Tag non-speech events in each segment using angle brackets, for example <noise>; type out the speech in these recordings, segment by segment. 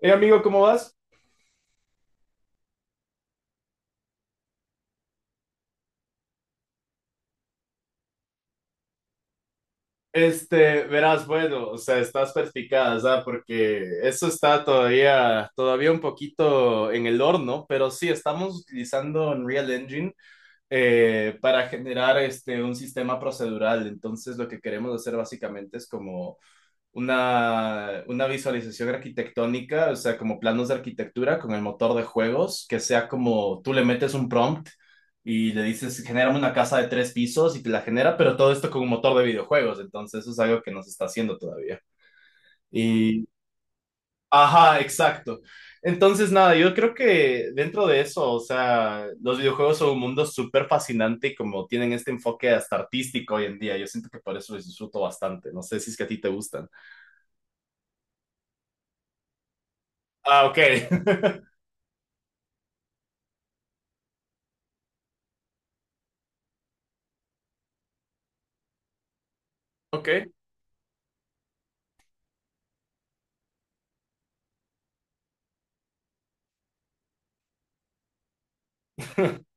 Hey amigo, ¿cómo vas? Verás, bueno, o sea, estás perspicaz, ¿ah? Porque eso está todavía un poquito en el horno, pero sí, estamos utilizando Unreal Engine para generar un sistema procedural. Entonces, lo que queremos hacer básicamente es como una visualización arquitectónica, o sea, como planos de arquitectura con el motor de juegos, que sea como tú le metes un prompt y le dices, genérame una casa de tres pisos y te la genera, pero todo esto con un motor de videojuegos, entonces eso es algo que no se está haciendo todavía. Y, ajá, exacto. Entonces, nada, yo creo que dentro de eso, o sea, los videojuegos son un mundo súper fascinante y como tienen este enfoque hasta artístico hoy en día, yo siento que por eso los disfruto bastante. No sé si es que a ti te gustan. Ah, ok. <laughs> Ok. <laughs>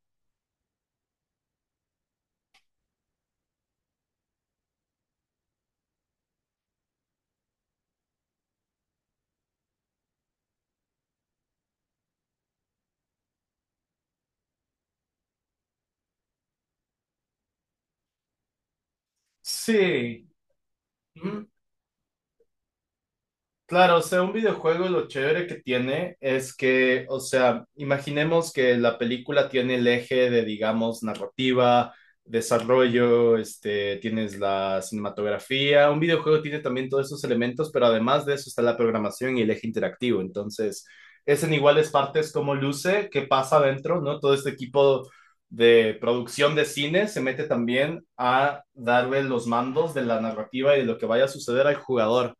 Sí. Ujú. Claro, o sea, un videojuego lo chévere que tiene es que, o sea, imaginemos que la película tiene el eje de, digamos, narrativa, desarrollo, tienes la cinematografía. Un videojuego tiene también todos esos elementos, pero además de eso está la programación y el eje interactivo. Entonces, es en iguales partes cómo luce, qué pasa adentro, ¿no? Todo este equipo de producción de cine se mete también a darle los mandos de la narrativa y de lo que vaya a suceder al jugador.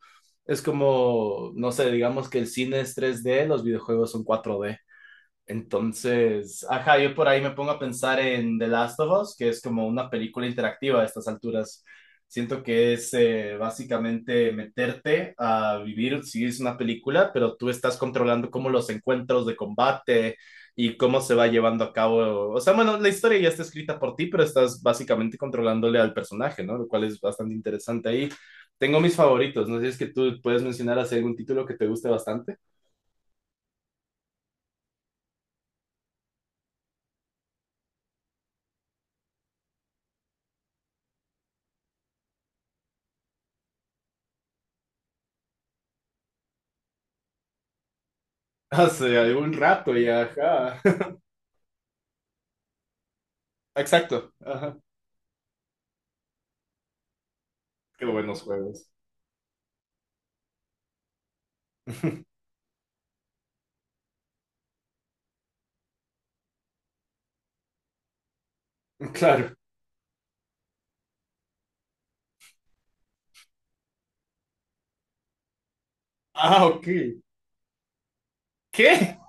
Es como, no sé, digamos que el cine es 3D, los videojuegos son 4D. Entonces, ajá, yo por ahí me pongo a pensar en The Last of Us, que es como una película interactiva a estas alturas. Siento que es básicamente meterte a vivir, sí es una película, pero tú estás controlando cómo los encuentros de combate y cómo se va llevando a cabo. O sea, bueno, la historia ya está escrita por ti, pero estás básicamente controlándole al personaje, ¿no? Lo cual es bastante interesante ahí. Tengo mis favoritos, no sé si es que tú puedes mencionar así algún título que te guste bastante. Hace algún rato ya, ajá. <laughs> Exacto, ajá. Qué buenos juegos. <laughs> Claro. Ah, ok. ¿Qué?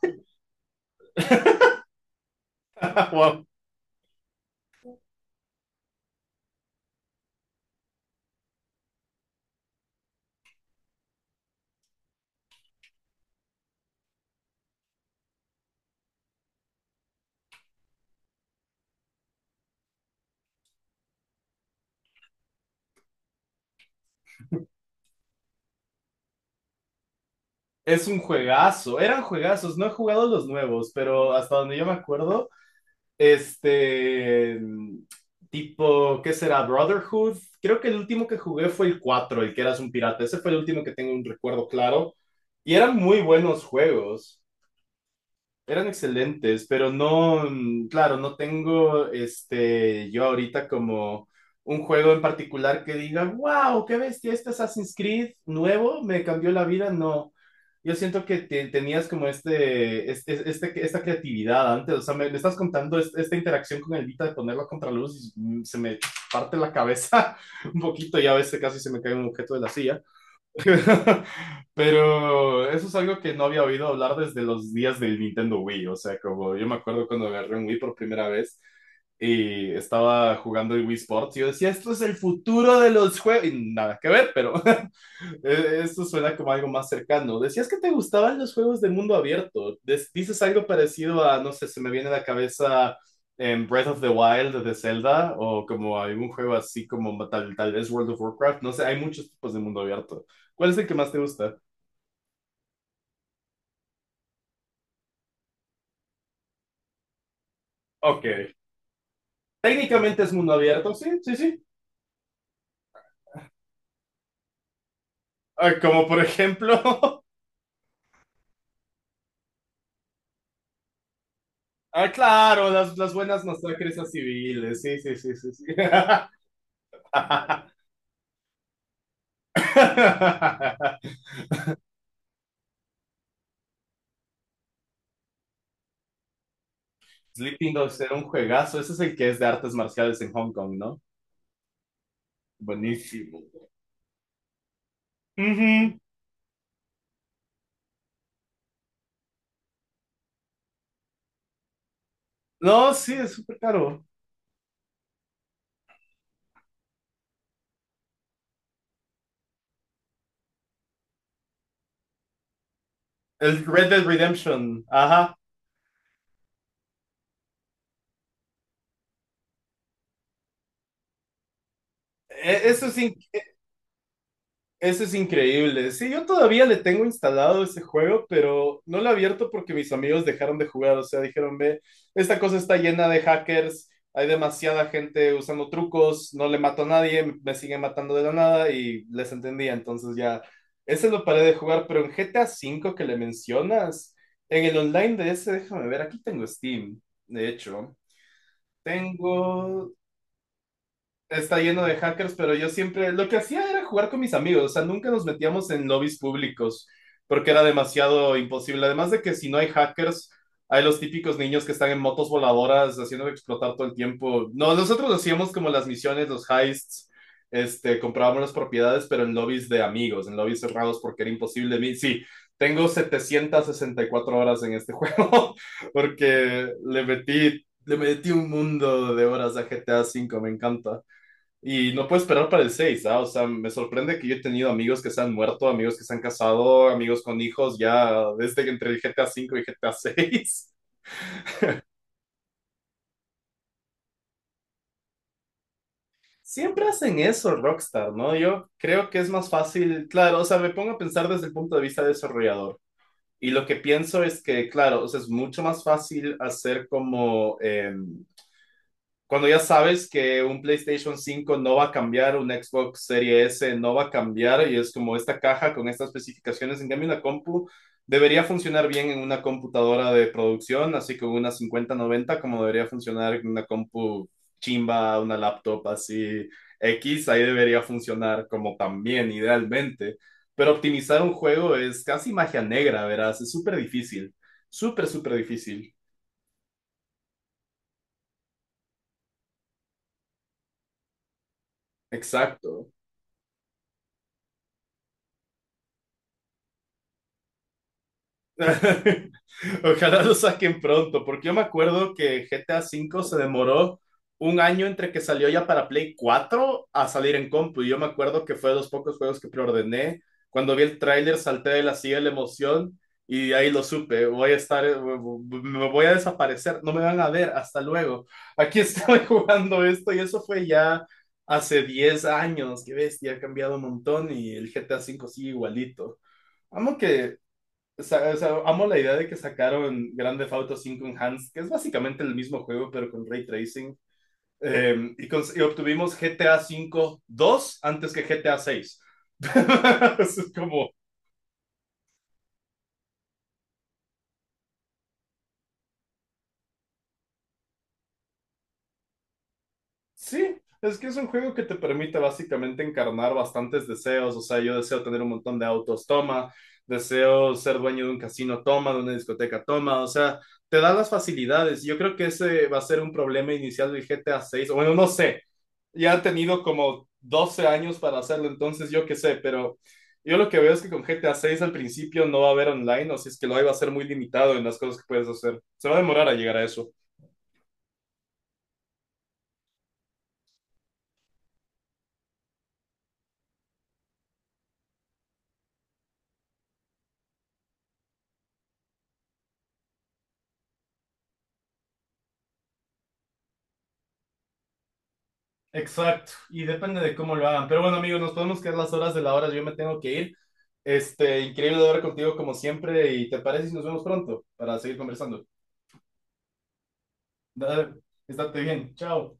<laughs> Wow. Es un juegazo, eran juegazos, no he jugado los nuevos, pero hasta donde yo me acuerdo, este, tipo, ¿qué será? Brotherhood. Creo que el último que jugué fue el 4, el que eras un pirata. Ese fue el último que tengo un recuerdo claro. Y eran muy buenos juegos. Eran excelentes, pero no, claro, no tengo yo ahorita como un juego en particular que diga, wow, qué bestia, este Assassin's Creed nuevo me cambió la vida. No, yo siento que tenías como esta creatividad antes, o sea, me estás contando esta interacción con el Vita de ponerlo a contraluz y se me parte la cabeza <laughs> un poquito y a veces casi se me cae un objeto de la silla. <laughs> Pero eso es algo que no había oído hablar desde los días del Nintendo Wii. O sea, como yo me acuerdo cuando agarré un Wii por primera vez y estaba jugando el Wii Sports, y yo decía, esto es el futuro de los juegos. Y nada que ver, pero <laughs> esto suena como algo más cercano. Decías que te gustaban los juegos de mundo abierto. Dices algo parecido a, no sé, se me viene a la cabeza en Breath of the Wild de Zelda o como algún juego así como tal vez World of Warcraft. No sé, hay muchos tipos de mundo abierto. ¿Cuál es el que más te gusta? Ok. Técnicamente es mundo abierto, sí, sí, sí. Ah, como por ejemplo. <laughs> Ah, claro, las buenas masacres a civiles, sí, sí, sí, sí, sí. <laughs> Sleeping Dogs era un juegazo, ese es el que es de artes marciales en Hong Kong, ¿no? Buenísimo. Ujú. No, sí, es súper caro. El Red Dead Redemption, ajá. Eso sí. Eso es increíble. Sí, yo todavía le tengo instalado ese juego, pero no lo he abierto porque mis amigos dejaron de jugar. O sea, dijeron, ve, esta cosa está llena de hackers, hay demasiada gente usando trucos, no le mato a nadie, me siguen matando de la nada y les entendía. Entonces ya, ese lo paré de jugar, pero en GTA V que le mencionas, en el online de ese, déjame ver, aquí tengo Steam, de hecho. Tengo Está lleno de hackers, pero yo siempre lo que hacía era jugar con mis amigos, o sea, nunca nos metíamos en lobbies públicos porque era demasiado imposible. Además de que si no hay hackers, hay los típicos niños que están en motos voladoras haciendo explotar todo el tiempo. No, nosotros hacíamos como las misiones, los heists, comprábamos las propiedades, pero en lobbies de amigos, en lobbies cerrados porque era imposible. Sí, tengo 764 horas en este <laughs> juego porque le metí un mundo de horas a GTA 5. Me encanta. Y no puedo esperar para el 6, ¿ah? O sea, me sorprende que yo he tenido amigos que se han muerto, amigos que se han casado, amigos con hijos ya desde que entre el GTA 5 y GTA 6. <laughs> Siempre hacen eso, Rockstar, ¿no? Yo creo que es más fácil, claro, o sea, me pongo a pensar desde el punto de vista desarrollador. Y lo que pienso es que, claro, o sea, es mucho más fácil hacer como, cuando ya sabes que un PlayStation 5 no va a cambiar, un Xbox Series S no va a cambiar, y es como esta caja con estas especificaciones, en cambio una compu debería funcionar bien en una computadora de producción, así como una 5090 como debería funcionar en una compu chimba, una laptop así X, ahí debería funcionar como también idealmente. Pero optimizar un juego es casi magia negra, verás, es súper difícil, súper, súper difícil. Exacto. <laughs> Ojalá lo saquen pronto, porque yo me acuerdo que GTA V se demoró un año entre que salió ya para Play 4 a salir en compu. Y yo me acuerdo que fue de los pocos juegos que preordené. Cuando vi el tráiler salté de la silla de la emoción y ahí lo supe. Voy a estar, me voy a desaparecer, no me van a ver, hasta luego. Aquí estoy <laughs> jugando esto y eso fue ya hace 10 años. Qué bestia, ha cambiado un montón y el GTA V sigue igualito. Amo que o o sea, amo la idea de que sacaron Grand Theft Auto 5 Enhanced, que es básicamente el mismo juego, pero con ray tracing. Y obtuvimos GTA 5 2 antes que GTA 6. <laughs> Es como, sí, es que es un juego que te permite básicamente encarnar bastantes deseos. O sea, yo deseo tener un montón de autos, toma. Deseo ser dueño de un casino, toma, de una discoteca, toma. O sea, te da las facilidades. Yo creo que ese va a ser un problema inicial del GTA 6. Bueno, no sé. Ya ha tenido como 12 años para hacerlo, entonces yo qué sé, pero yo lo que veo es que con GTA 6 al principio no va a haber online, o si es que lo hay, va a ser muy limitado en las cosas que puedes hacer. Se va a demorar a llegar a eso. Exacto, y depende de cómo lo hagan. Pero bueno, amigos, nos podemos quedar las horas de la hora. Yo me tengo que ir. Increíble hablar contigo como siempre. ¿Y te parece si nos vemos pronto para seguir conversando? Dale, estate bien. Chao.